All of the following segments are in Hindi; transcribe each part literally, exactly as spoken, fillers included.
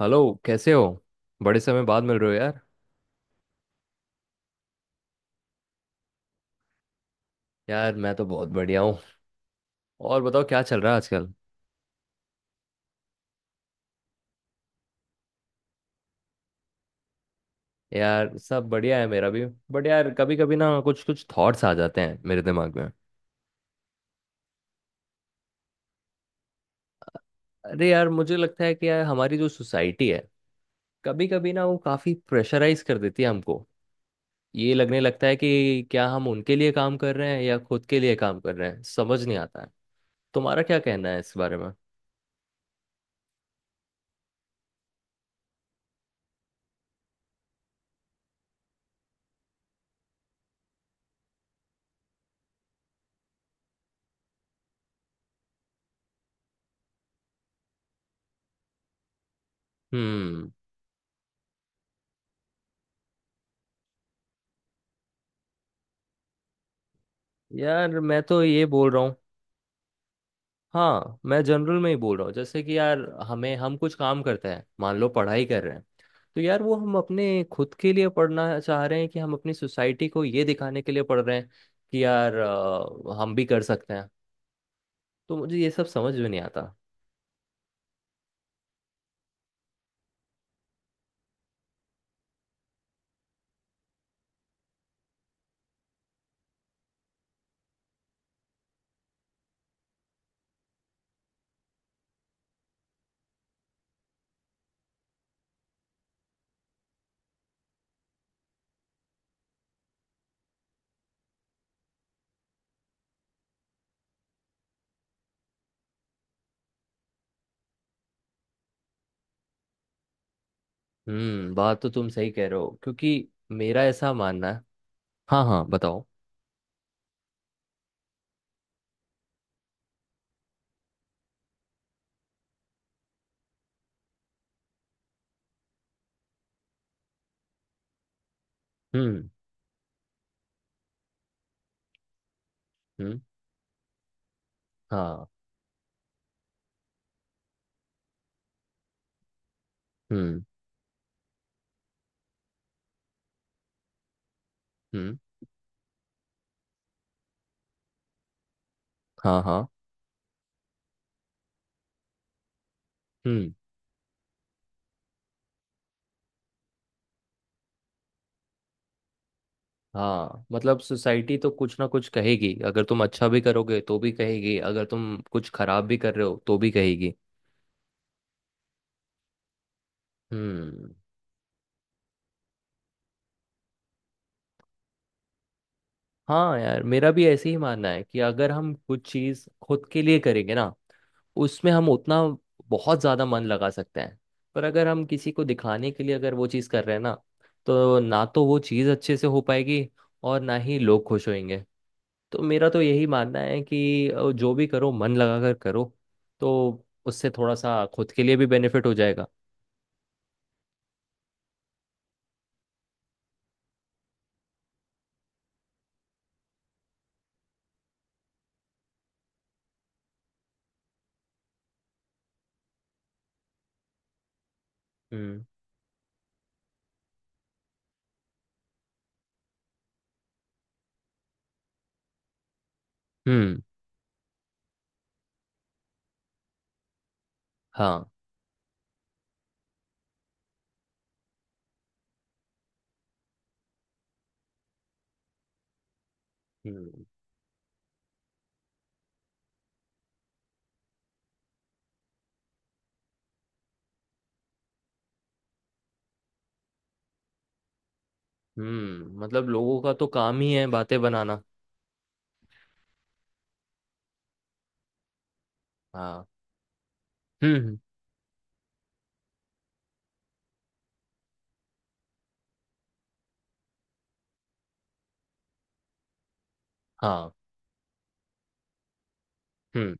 हेलो। कैसे हो? बड़े समय बाद मिल रहे हो यार। यार मैं तो बहुत बढ़िया हूँ। और बताओ क्या चल रहा है आजकल? यार सब बढ़िया है मेरा भी। बट यार कभी कभी ना कुछ कुछ थॉट्स आ जाते हैं मेरे दिमाग में। अरे यार मुझे लगता है कि यार हमारी जो सोसाइटी है कभी कभी ना वो काफ़ी प्रेशराइज कर देती है हमको। ये लगने लगता है कि क्या हम उनके लिए काम कर रहे हैं या खुद के लिए काम कर रहे हैं, समझ नहीं आता है। तुम्हारा क्या कहना है इस बारे में? हम्म। यार मैं तो ये बोल रहा हूँ। हाँ मैं जनरल में ही बोल रहा हूँ, जैसे कि यार हमें हम कुछ काम करते हैं, मान लो पढ़ाई कर रहे हैं। तो यार वो हम अपने खुद के लिए पढ़ना चाह रहे हैं कि हम अपनी सोसाइटी को ये दिखाने के लिए पढ़ रहे हैं कि यार अ, हम भी कर सकते हैं। तो मुझे ये सब समझ में नहीं आता। हम्म। बात तो तुम सही कह रहे हो, क्योंकि मेरा ऐसा मानना है। हाँ हाँ बताओ। हम्म। हम्म। हाँ। हम्म। हम्म। हाँ हाँ। हम्म। हाँ मतलब सोसाइटी तो कुछ ना कुछ कहेगी, अगर तुम अच्छा भी करोगे तो भी कहेगी, अगर तुम कुछ खराब भी कर रहे हो तो भी कहेगी। हम्म। हाँ यार मेरा भी ऐसे ही मानना है कि अगर हम कुछ चीज़ खुद के लिए करेंगे ना उसमें हम उतना बहुत ज़्यादा मन लगा सकते हैं। पर अगर हम किसी को दिखाने के लिए अगर वो चीज़ कर रहे हैं ना तो ना तो वो चीज़ अच्छे से हो पाएगी और ना ही लोग खुश होंगे। तो मेरा तो यही मानना है कि अ, जो भी करो मन लगा कर करो। तो उससे थोड़ा सा खुद के लिए भी बेनिफिट हो जाएगा। हम्म। हम्म। हाँ। हम्म। हम्म। मतलब लोगों का तो काम ही है बातें बनाना। हाँ। हम्म। हाँ। हम्म।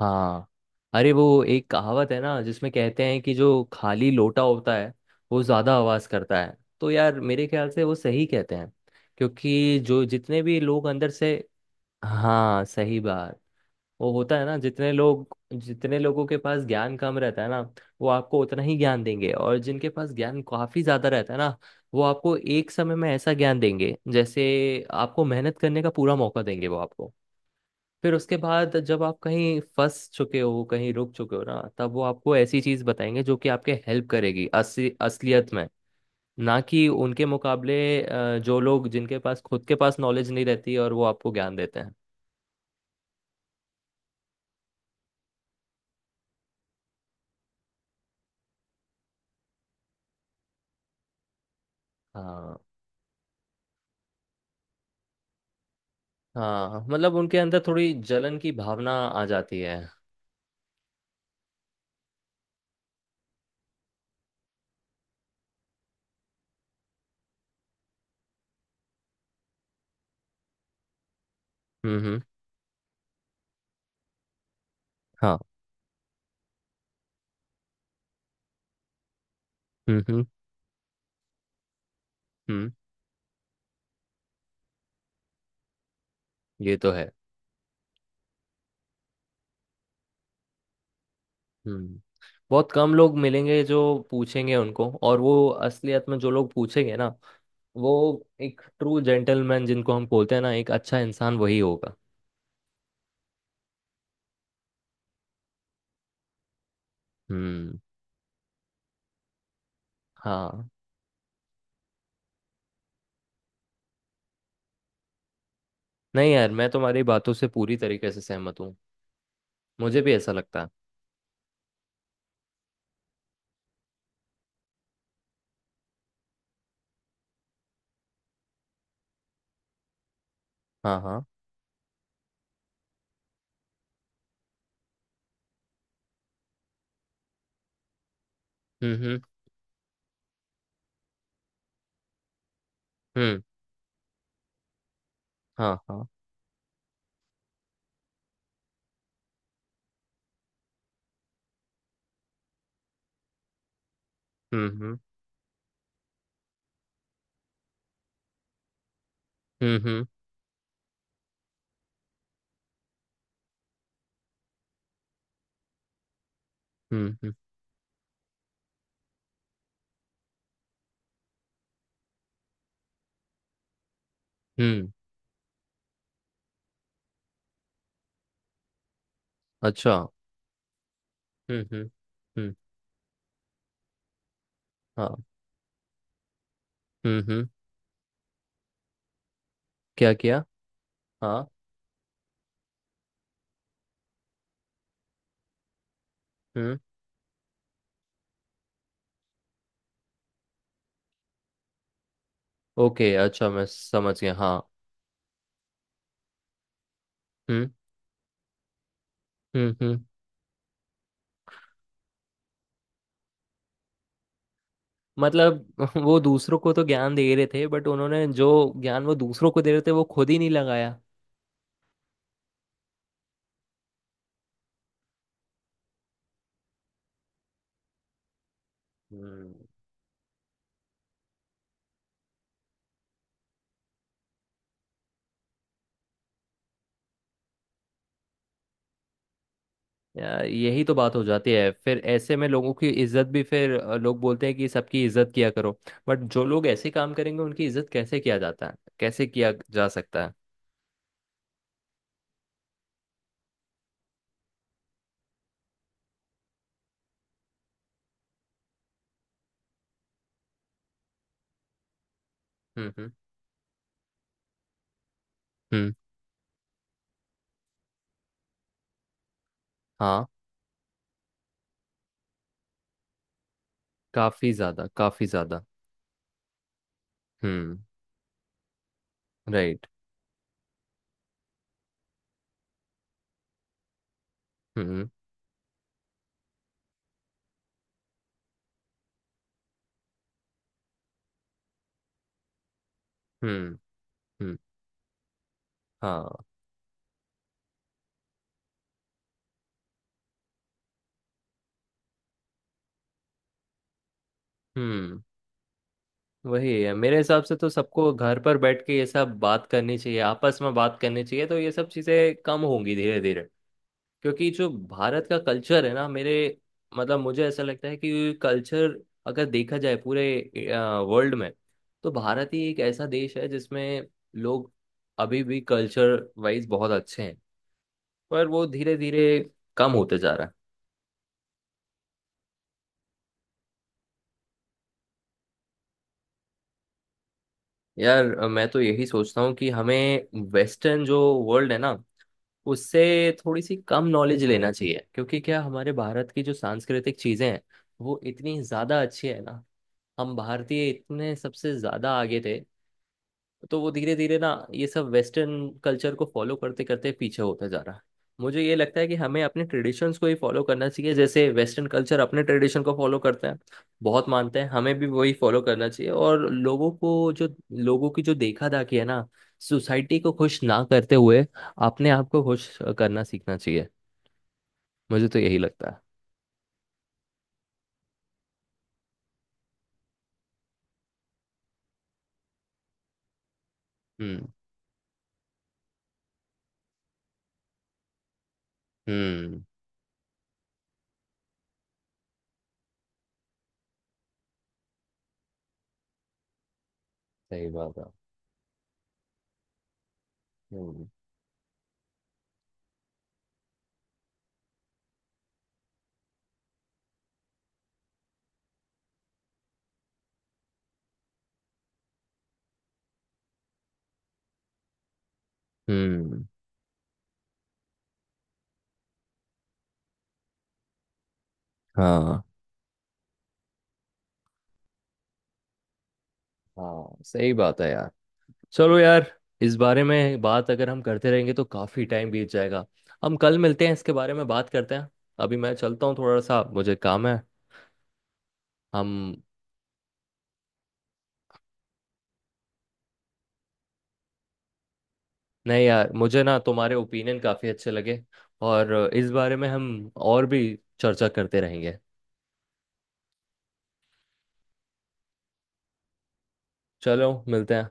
हाँ। अरे वो एक कहावत है ना जिसमें कहते हैं कि जो खाली लोटा होता है वो ज़्यादा आवाज़ करता है। तो यार मेरे ख्याल से वो सही कहते हैं। क्योंकि जो जितने भी लोग अंदर से। हाँ सही बात। वो होता है ना, जितने लोग, जितने लोगों के पास ज्ञान कम रहता है ना वो आपको उतना ही ज्ञान देंगे, और जिनके पास ज्ञान काफी ज्यादा रहता है ना वो आपको एक समय में ऐसा ज्ञान देंगे, जैसे आपको मेहनत करने का पूरा मौका देंगे वो आपको। फिर उसके बाद जब आप कहीं फंस चुके हो कहीं रुक चुके हो ना तब वो आपको ऐसी चीज बताएंगे जो कि आपके हेल्प करेगी असली असलियत में। ना कि उनके मुकाबले अ, जो लोग, जिनके पास खुद के पास नॉलेज नहीं रहती और वो आपको ज्ञान देते हैं। हाँ। हाँ मतलब उनके अंदर थोड़ी जलन की भावना आ जाती है। हम्म। हम्म। हाँ। हम्म। हम्म। हम्म। ये तो है। हम्म। बहुत कम लोग मिलेंगे जो पूछेंगे उनको, और वो असलियत में जो लोग पूछेंगे ना, वो एक ट्रू जेंटलमैन जिनको हम बोलते हैं ना, एक अच्छा इंसान वही होगा। हम्म। हाँ। नहीं यार मैं तुम्हारी बातों से पूरी तरीके से सहमत हूँ। मुझे भी ऐसा लगता है। हाँ। हाँ। हम्म। हम्म। हम्म। हाँ। हाँ। हम्म। हम्म। हम्म। हम्म। हम्म। हम्म। हम्म। अच्छा। हम्म। हम्म। हम्म। हाँ। हम्म। हम्म। क्या किया? हाँ। हम्म। ओके अच्छा, मैं समझ गया, हाँ। हम्म। हम्म। हम्म। मतलब वो दूसरों को तो ज्ञान दे रहे थे, बट उन्होंने जो ज्ञान वो दूसरों को दे रहे थे वो खुद ही नहीं लगाया। हम्म। यार यही तो बात हो जाती है, फिर ऐसे में लोगों की इज्जत भी फिर, अ, लोग बोलते हैं कि सबकी इज्जत किया करो, बट जो लोग ऐसे काम करेंगे उनकी इज्जत कैसे किया जाता है, कैसे किया जा सकता है? हम्म। हम्म। हम्म। हाँ। काफी ज्यादा काफी ज्यादा। हम्म। राइट। हम्म। हम्म। हम्म। हाँ। हम्म। वही है, मेरे हिसाब से तो सबको घर पर बैठ के ये सब बात करनी चाहिए, आपस में बात करनी चाहिए, तो ये सब चीजें कम होंगी धीरे धीरे। क्योंकि जो भारत का कल्चर है ना, मेरे मतलब मुझे ऐसा लगता है कि कल्चर अगर देखा जाए पूरे वर्ल्ड में, तो भारत ही एक ऐसा देश है जिसमें लोग अभी भी कल्चर वाइज बहुत अच्छे हैं, पर वो धीरे धीरे कम होते जा रहा है। यार मैं तो यही सोचता हूँ कि हमें वेस्टर्न जो वर्ल्ड है ना उससे थोड़ी सी कम नॉलेज लेना चाहिए, क्योंकि क्या हमारे भारत की जो सांस्कृतिक चीजें हैं वो इतनी ज्यादा अच्छी है ना, हम भारतीय इतने सबसे ज्यादा आगे थे। तो वो धीरे धीरे ना ये सब वेस्टर्न कल्चर को फॉलो करते करते पीछे होता जा रहा है। मुझे ये लगता है कि हमें अपने ट्रेडिशंस को ही फॉलो करना चाहिए, जैसे वेस्टर्न कल्चर अपने ट्रेडिशन को फॉलो करते हैं बहुत मानते हैं, हमें भी वही फॉलो करना चाहिए। और लोगों को जो लोगों की जो देखा दाखी है ना, सोसाइटी को खुश ना करते हुए अपने आप को खुश करना सीखना चाहिए। मुझे तो यही लगता है। हम्म। हम्म। सही बात है। हम्म। हम्म। हाँ हाँ सही बात है यार। चलो यार, इस बारे में बात अगर हम करते रहेंगे तो काफी टाइम बीत जाएगा। हम कल मिलते हैं, इसके बारे में बात करते हैं। अभी मैं चलता हूँ, थोड़ा सा मुझे काम है। हम। नहीं यार मुझे ना तुम्हारे ओपिनियन काफी अच्छे लगे, और इस बारे में हम और भी चर्चा करते रहेंगे। चलो मिलते हैं।